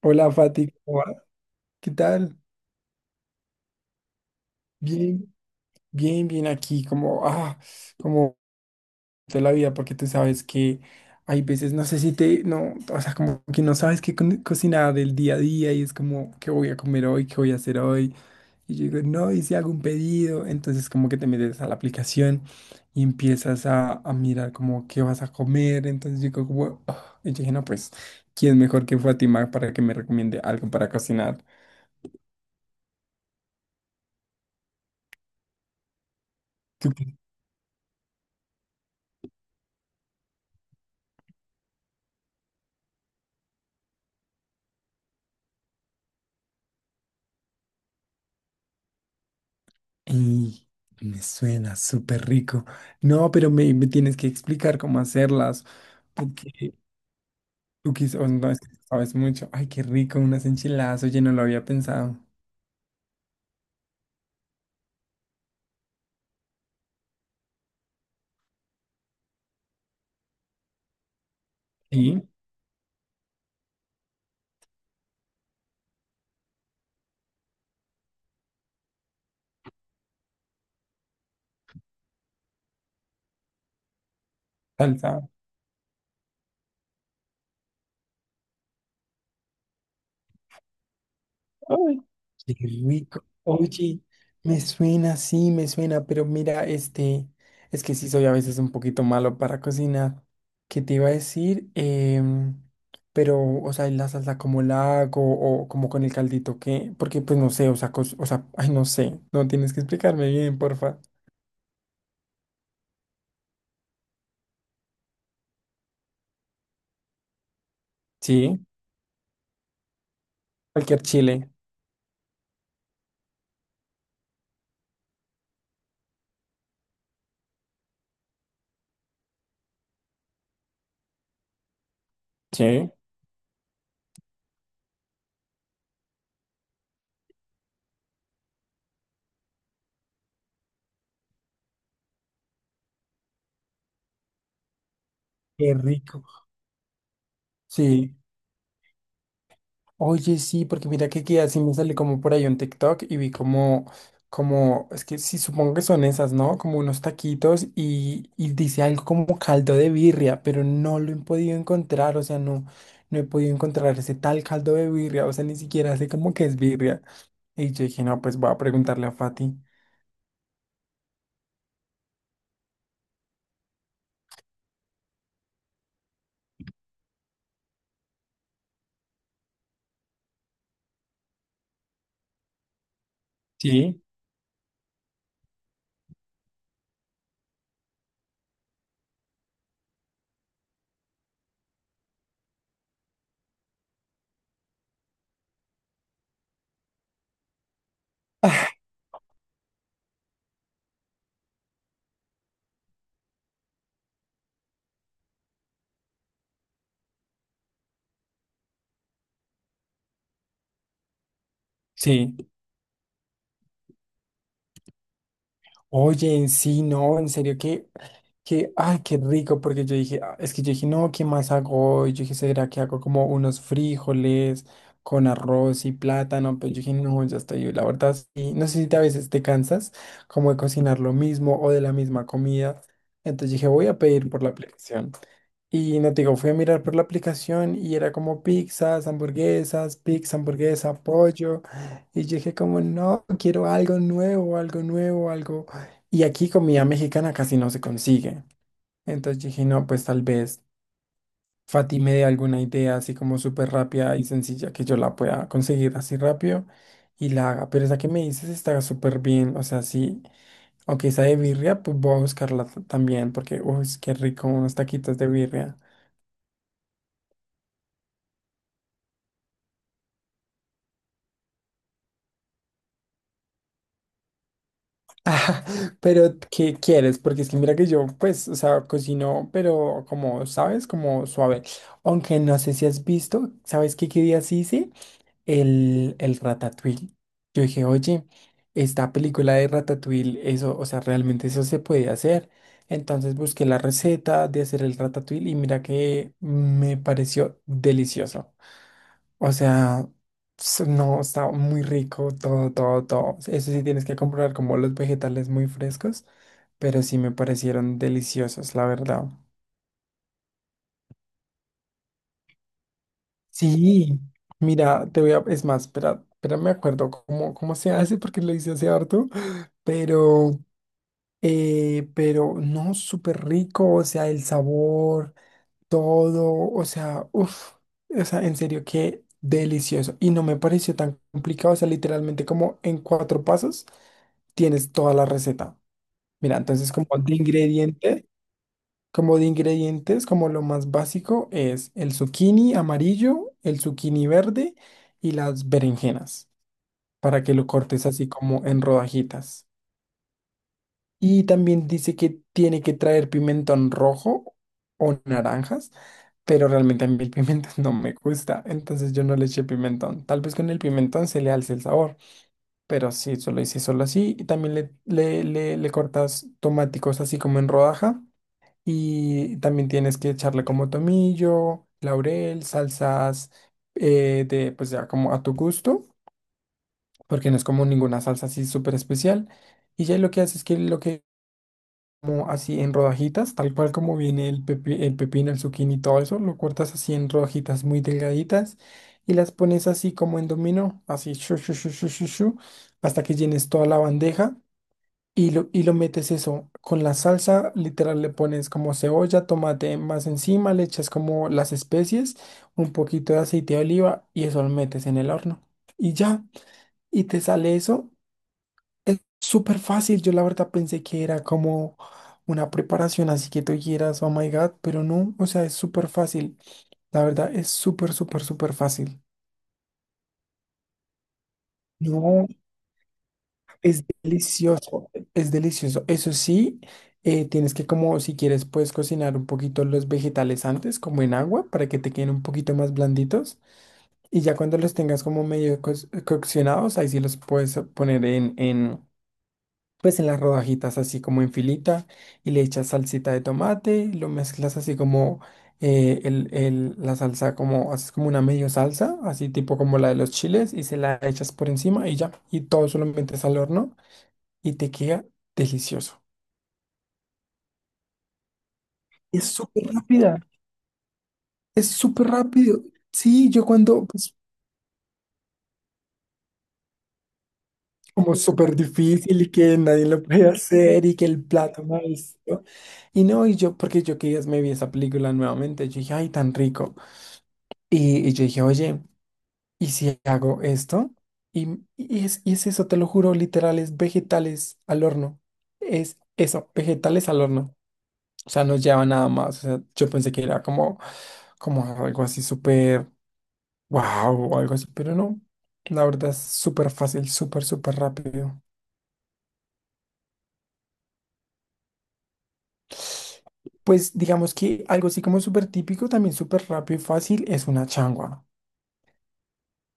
Hola Fati, ¿cómo va? ¿Qué tal? Bien, bien, bien, aquí, como, como toda la vida, porque tú sabes que hay veces, no sé si te, no, o sea, como que no sabes qué cocinar del día a día y es como, ¿qué voy a comer hoy? ¿Qué voy a hacer hoy? Y yo digo, no, y si hago un pedido, entonces como que te metes a la aplicación y empiezas a mirar como qué vas a comer, entonces yo digo, como, y yo dije, no, pues, ¿quién mejor que Fátima para que me recomiende algo para cocinar? Y me suena súper rico. No, pero me tienes que explicar cómo hacerlas, porque tú quizás no es que sabes mucho. Ay, qué rico, unas enchiladas. Oye, no lo había pensado. Sí, salsa. Ay, qué rico. Oye, me suena, sí, me suena, pero mira, este, es que sí soy a veces un poquito malo para cocinar. ¿Qué te iba a decir? Pero, o sea, ¿y la salsa como la hago o como con el caldito, qué? Porque, pues, no sé, o sea, o sea, ay, no sé, no tienes que explicarme bien, porfa. Sí, cualquier chile. Sí. Qué rico. Sí. Oye, sí, porque mira que así me sale como por ahí un TikTok y vi como, como, es que sí, supongo que son esas, ¿no? Como unos taquitos y dice algo como caldo de birria, pero no lo he podido encontrar, o sea, no, no he podido encontrar ese tal caldo de birria, o sea, ni siquiera sé como que es birria. Y yo dije, no, pues voy a preguntarle a Fati. Sí. ¿Sí? Sí. Oye, sí, no, en serio que, ay, qué rico, porque yo dije, "Ah", es que yo dije, no, ¿qué más hago? Y yo dije, ¿será que hago como unos frijoles con arroz y plátano? Pero yo dije, no, ya estoy, la verdad, sí, no sé si a veces te cansas como de cocinar lo mismo o de la misma comida. Entonces dije, voy a pedir por la aplicación. Y no te digo, fui a mirar por la aplicación y era como pizzas, hamburguesas, pizza, hamburguesa, pollo. Y yo dije como, no, quiero algo nuevo, algo nuevo, algo. Y aquí comida mexicana casi no se consigue. Entonces dije, no, pues tal vez Fati me dé alguna idea así como súper rápida y sencilla que yo la pueda conseguir así rápido y la haga. Pero esa que me dices está súper bien. O sea, sí, aunque esa de birria, pues voy a buscarla también porque, uy, qué rico unos taquitos de birria. Ah, pero ¿qué quieres? Porque es que mira que yo, pues, o sea, cocino, pero como, ¿sabes? Como suave. Aunque no sé si has visto, ¿sabes qué, qué día sí hice? El Ratatouille. Yo dije, oye, esta película de Ratatouille, eso, o sea, realmente eso se puede hacer. Entonces busqué la receta de hacer el Ratatouille y mira que me pareció delicioso. O sea, no, está muy rico todo, todo, todo. Eso sí tienes que comprar como los vegetales muy frescos, pero sí me parecieron deliciosos, la verdad. Sí, mira, te voy a, es más, espera, me acuerdo cómo, cómo se hace porque lo hice hace harto, pero, pero no, súper rico, o sea, el sabor, todo, o sea, uff, o sea, en serio, qué delicioso. Y no me pareció tan complicado, o sea, literalmente como en cuatro pasos tienes toda la receta. Mira, entonces como de ingrediente, como de ingredientes, como lo más básico es el zucchini amarillo, el zucchini verde y las berenjenas, para que lo cortes así como en rodajitas. Y también dice que tiene que traer pimentón rojo o naranjas, pero realmente a mí el pimentón no me gusta, entonces yo no le eché pimentón. Tal vez con el pimentón se le alce el sabor, pero sí, solo hice solo así. Y también le cortas tomáticos así como en rodaja y también tienes que echarle como tomillo, laurel, salsas de pues ya como a tu gusto, porque no es como ninguna salsa así súper especial. Y ya lo que haces es que lo que como así en rodajitas, tal cual como viene el el pepino, el zucchini y todo eso, lo cortas así en rodajitas muy delgaditas y las pones así como en dominó, así shu, shu, shu, shu, shu, shu, hasta que llenes toda la bandeja y lo metes eso con la salsa, literal le pones como cebolla, tomate más encima, le echas como las especies, un poquito de aceite de oliva y eso lo metes en el horno. Y ya, y te sale eso, es súper fácil, yo la verdad pensé que era como una preparación, así que tú quieras, oh my God, pero no, o sea, es súper fácil, la verdad es súper, súper, súper fácil. No, es delicioso, es delicioso. Eso sí, tienes que como, si quieres, puedes cocinar un poquito los vegetales antes, como en agua, para que te queden un poquito más blanditos. Y ya cuando los tengas como medio coccionados, ahí sí los puedes poner en, pues en las rodajitas así como en filita y le echas salsita de tomate, lo mezclas así como la salsa, como haces como una medio salsa, así tipo como la de los chiles y se la echas por encima y ya, y todo solo metes al horno y te queda delicioso. Es súper rápida, es súper rápido. Sí, yo cuando, pues, como súper difícil y que nadie lo puede hacer y que el plato maestro. Y no, y yo, porque yo que días me vi esa película nuevamente, yo dije, ay, tan rico. Y yo dije, oye, ¿y si hago esto? Y es eso, te lo juro, literal, es vegetales al horno. Es eso, vegetales al horno. O sea, no lleva nada más. O sea, yo pensé que era como, como algo así súper wow o algo así, pero no. La verdad es súper fácil, súper, súper rápido. Pues digamos que algo así como súper típico, también súper rápido y fácil, es una changua.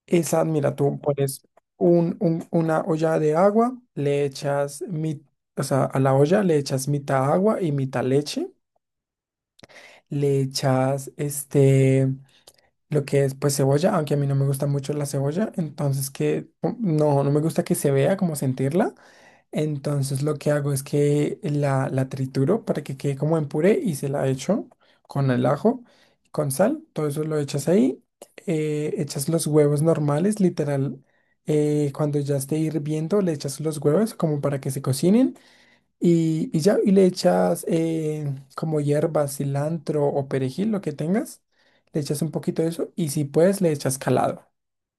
Esa, mira, tú pones una olla de agua, le echas, o sea, a la olla le echas mitad agua y mitad leche, le echas este, lo que es pues cebolla, aunque a mí no me gusta mucho la cebolla, entonces que pum, no, no me gusta que se vea como sentirla. Entonces lo que hago es que la trituro para que quede como en puré y se la echo con el ajo, con sal, todo eso lo echas ahí, echas los huevos normales, literal, cuando ya esté hirviendo le echas los huevos como para que se cocinen y ya, y le echas como hierba, cilantro o perejil, lo que tengas, le echas un poquito de eso y si puedes le echas calado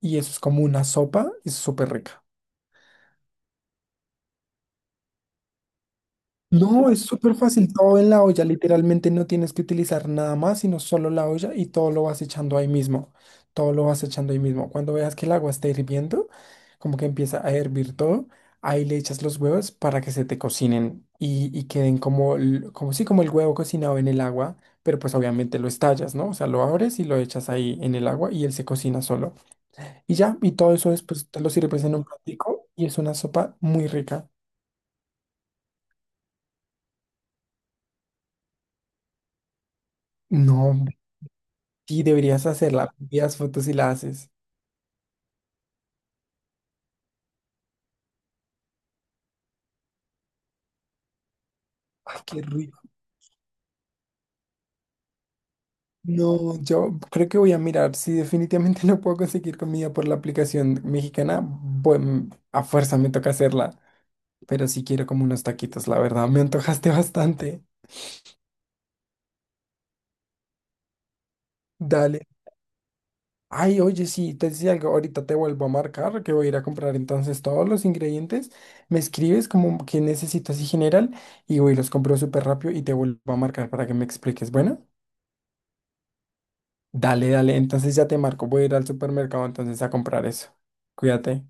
y eso es como una sopa, es súper rica. No, es súper fácil, todo en la olla, literalmente no tienes que utilizar nada más, sino solo la olla y todo lo vas echando ahí mismo, todo lo vas echando ahí mismo. Cuando veas que el agua está hirviendo, como que empieza a hervir todo, ahí le echas los huevos para que se te cocinen y queden como, como sí, como el huevo cocinado en el agua, pero pues obviamente lo estallas, ¿no? O sea, lo abres y lo echas ahí en el agua y él se cocina solo. Y ya, y todo eso después te lo sirves en un platico y es una sopa muy rica. No, sí, deberías hacerla. Envías fotos y la haces. Ay, qué rico. No, yo creo que voy a mirar. Si definitivamente no puedo conseguir comida por la aplicación mexicana, bueno, a fuerza me toca hacerla. Pero sí quiero como unos taquitos, la verdad. Me antojaste bastante. Dale. Ay, oye, sí, te decía algo. Ahorita te vuelvo a marcar que voy a ir a comprar entonces todos los ingredientes. Me escribes como que necesitas y general y voy, los compro súper rápido y te vuelvo a marcar para que me expliques. Bueno. Dale, dale, entonces ya te marco, voy a ir al supermercado entonces a comprar eso. Cuídate.